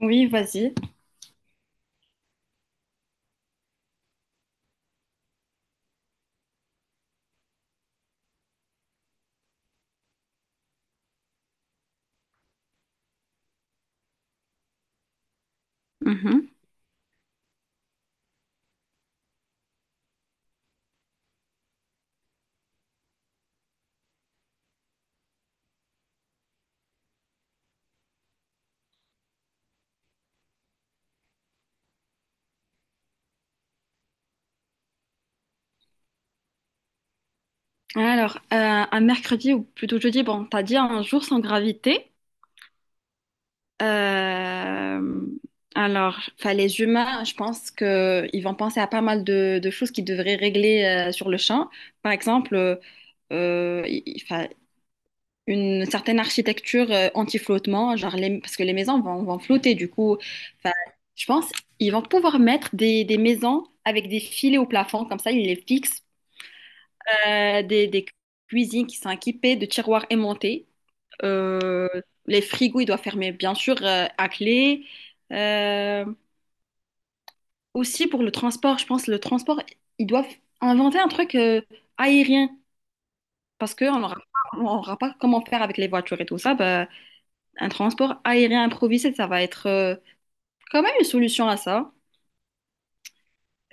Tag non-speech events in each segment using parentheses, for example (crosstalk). Oui, vas-y. Mhm. Alors, un mercredi ou plutôt jeudi, bon, t'as dit un jour sans gravité. Euh, alors, enfin, les humains, je pense que ils vont penser à pas mal de choses qu'ils devraient régler sur le champ. Par exemple, enfin, une certaine architecture anti-flottement, genre les- parce que les maisons vont flotter. Du coup, enfin, je pense ils vont pouvoir mettre des maisons avec des filets au plafond, comme ça, ils les fixent des cuisines qui sont équipées de tiroirs aimantés. Euh, les frigos, ils doivent fermer, bien sûr, à clé. Euh, Aussi, pour le transport, je pense, le transport, ils doivent inventer un truc aérien. Parce qu'on aura pas comment faire avec les voitures et tout ça. Bah, un transport aérien improvisé, ça va être quand même une solution à ça.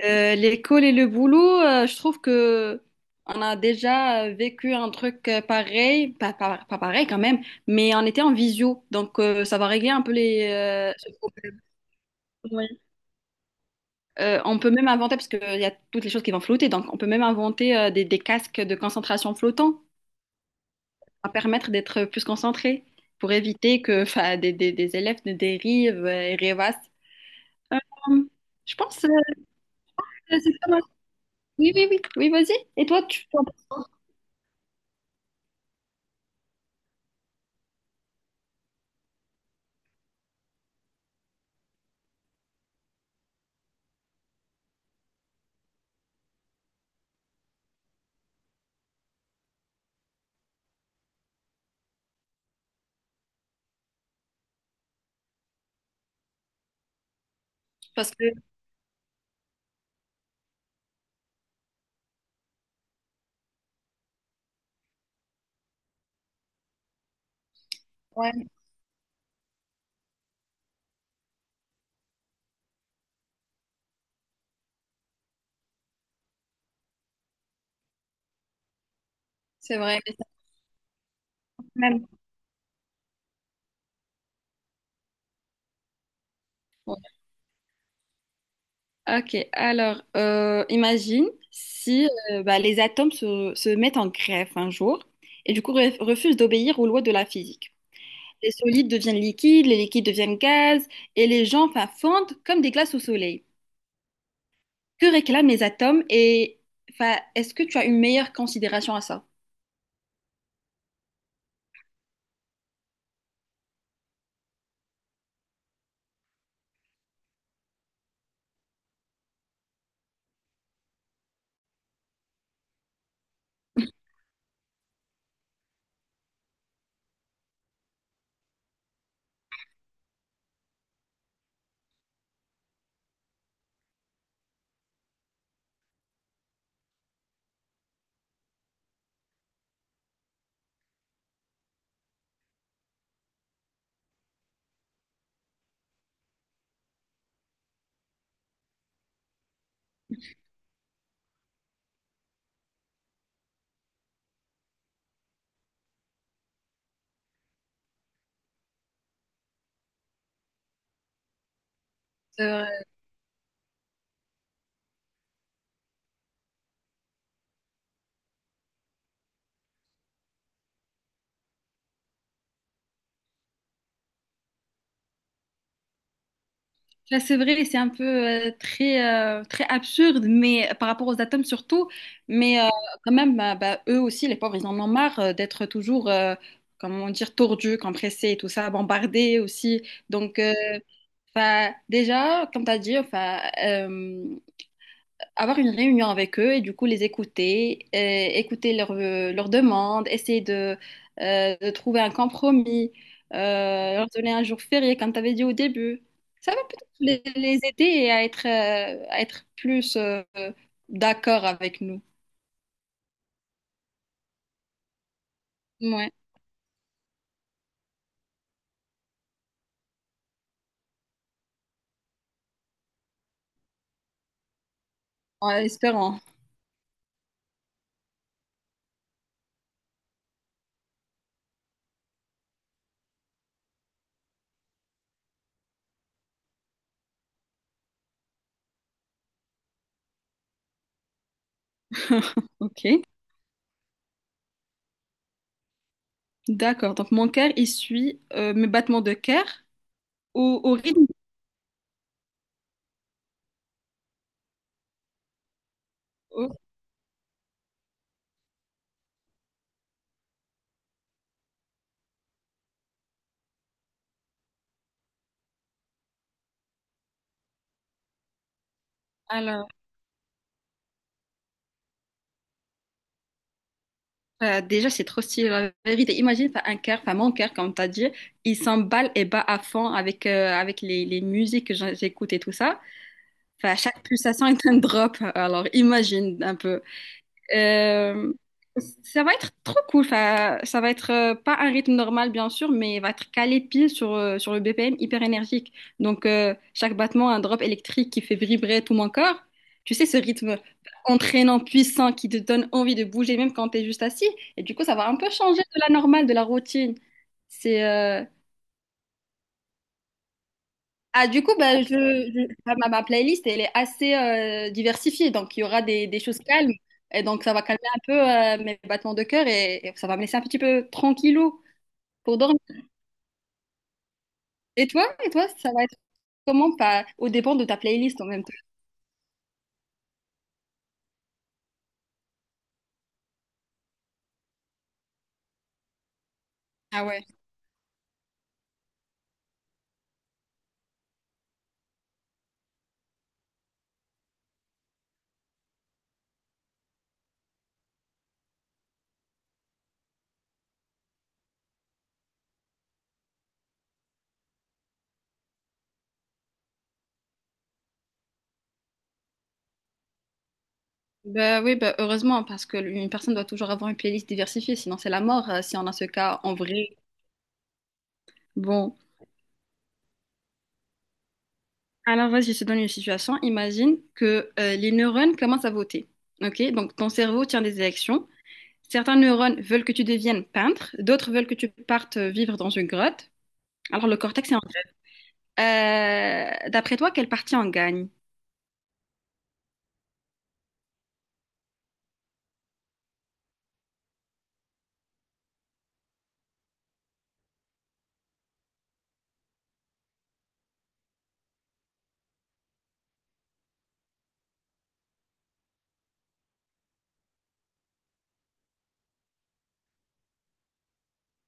L'école et le boulot, je trouve que on a déjà vécu un truc pareil, pas pareil quand même, mais on était en visio, donc ça va régler un peu les ce problème. Ouais. On peut même inventer, parce qu'il y a toutes les choses qui vont flotter, donc on peut même inventer des casques de concentration flottants, à permettre d'être plus concentré, pour éviter que (laughs) 'fin, des élèves ne dérivent et rêvassent. Euh, je pense c'est pas mal. Oui, oui, oui, oui, vas-y. Et toi, tu penses? Parce que ouais. C'est vrai, mais ça- même. Ouais. Ok, alors imagine si bah, les atomes se mettent en grève un jour et du coup refusent d'obéir aux lois de la physique. Les solides deviennent liquides, les liquides deviennent gaz et les gens enfin, fondent comme des glaces au soleil. Que réclament les atomes et enfin, est-ce que tu as une meilleure considération à ça? Ça, c'est vrai, c'est un peu très, très absurde, mais par rapport aux atomes surtout, mais quand même, bah, eux aussi, les pauvres, ils en ont marre d'être toujours, comment dire, tordus, compressés et tout ça, bombardés aussi. Donc, 'fin, déjà, comme tu as dit, avoir une réunion avec eux et du coup les écouter, et écouter leurs demandes, essayer de trouver un compromis, leur donner un jour férié comme tu avais dit au début. Ça va peut-être les aider à être plus d'accord avec nous. Ouais, en espérant. (laughs) Ok, d'accord. Donc mon cœur, il suit mes battements de cœur au, au rythme. Oh, Alors. Déjà, c'est trop stylé, la vérité. Imagine, t'as un cœur, enfin mon cœur, comme t'as dit, il s'emballe et bat à fond avec, avec les musiques que j'écoute et tout ça. Enfin, chaque pulsation est un drop, alors imagine un peu. Euh, Ça va être trop cool. Enfin, ça va être pas un rythme normal, bien sûr, mais il va être calé pile sur, sur le BPM hyper énergique. Donc, chaque battement, un drop électrique qui fait vibrer tout mon corps. Tu sais, ce rythme entraînant, puissant, qui te donne envie de bouger, même quand tu es juste assis. Et du coup, ça va un peu changer de la normale, de la routine. C'est euh, du coup, bah, ma playlist, elle est assez diversifiée. Donc, il y aura des choses calmes. Et donc, ça va calmer un peu mes battements de cœur et ça va me laisser un petit peu tranquillou pour dormir. Et toi, ça va être comment? Pas au dépend de ta playlist en même temps. Ah ouais. Bah oui, bah heureusement, parce que une personne doit toujours avoir une playlist diversifiée, sinon c'est la mort si on a ce cas en vrai. Bon, alors vas-y, je te donne une situation. Imagine que les neurones commencent à voter. Ok, donc ton cerveau tient des élections. Certains neurones veulent que tu deviennes peintre, d'autres veulent que tu partes vivre dans une grotte. Alors, le cortex est en grève. D'après toi, quelle partie en gagne?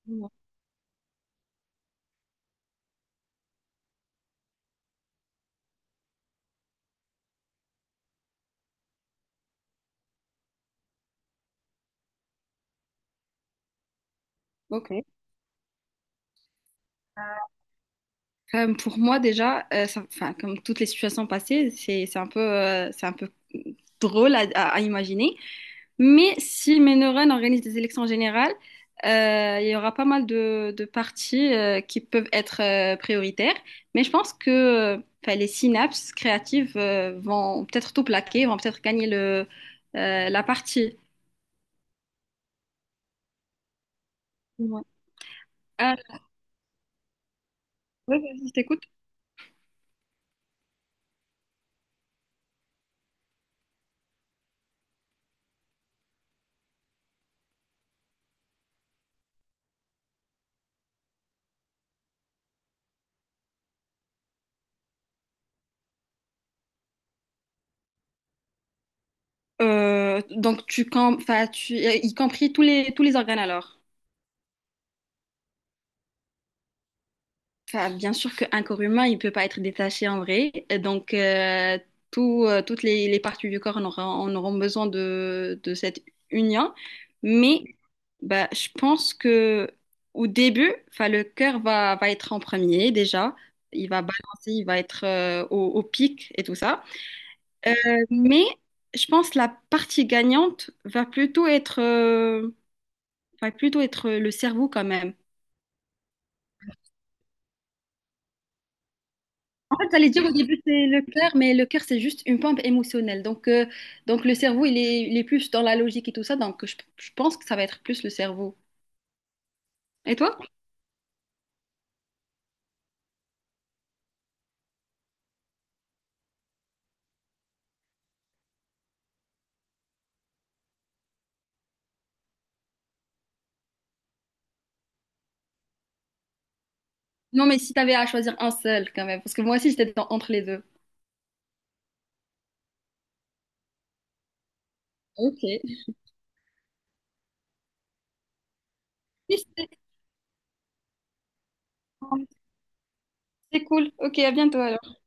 Ouais. Ok. Pour moi, déjà, enfin, comme toutes les situations passées, c'est un peu, c'est un peu drôle à, à imaginer. Mais si Ménorène organise des élections générales, il y aura pas mal de partis qui peuvent être prioritaires. Mais je pense que enfin, les synapses créatives vont peut-être tout plaquer, vont peut-être gagner le, la partie. Ouais. Ah, ouais, vas-y, je t'écoute. Enfin, tu, y compris tous les organes alors. Enfin, bien sûr qu'un corps humain, il peut pas être détaché en vrai. Et donc, tout, toutes les parties du corps en auront besoin de cette union. Mais bah, je pense que au début, enfin, va être en premier déjà. Il va balancer, il va être au pic et tout ça. Euh, mais je pense que la partie gagnante va plutôt être le cerveau quand même. En fait, j'allais dire au début, c'est le cœur, mais le cœur, c'est juste une pompe émotionnelle. Donc le cerveau, il est plus dans la logique et tout ça. Donc, je pense que ça va être plus le cerveau. Et toi? Non, mais si tu avais à choisir un seul, quand même. Parce que moi aussi, j'étais dans- entre les deux. Ok. Oui, C'est c'est cool. Ok, à bientôt alors.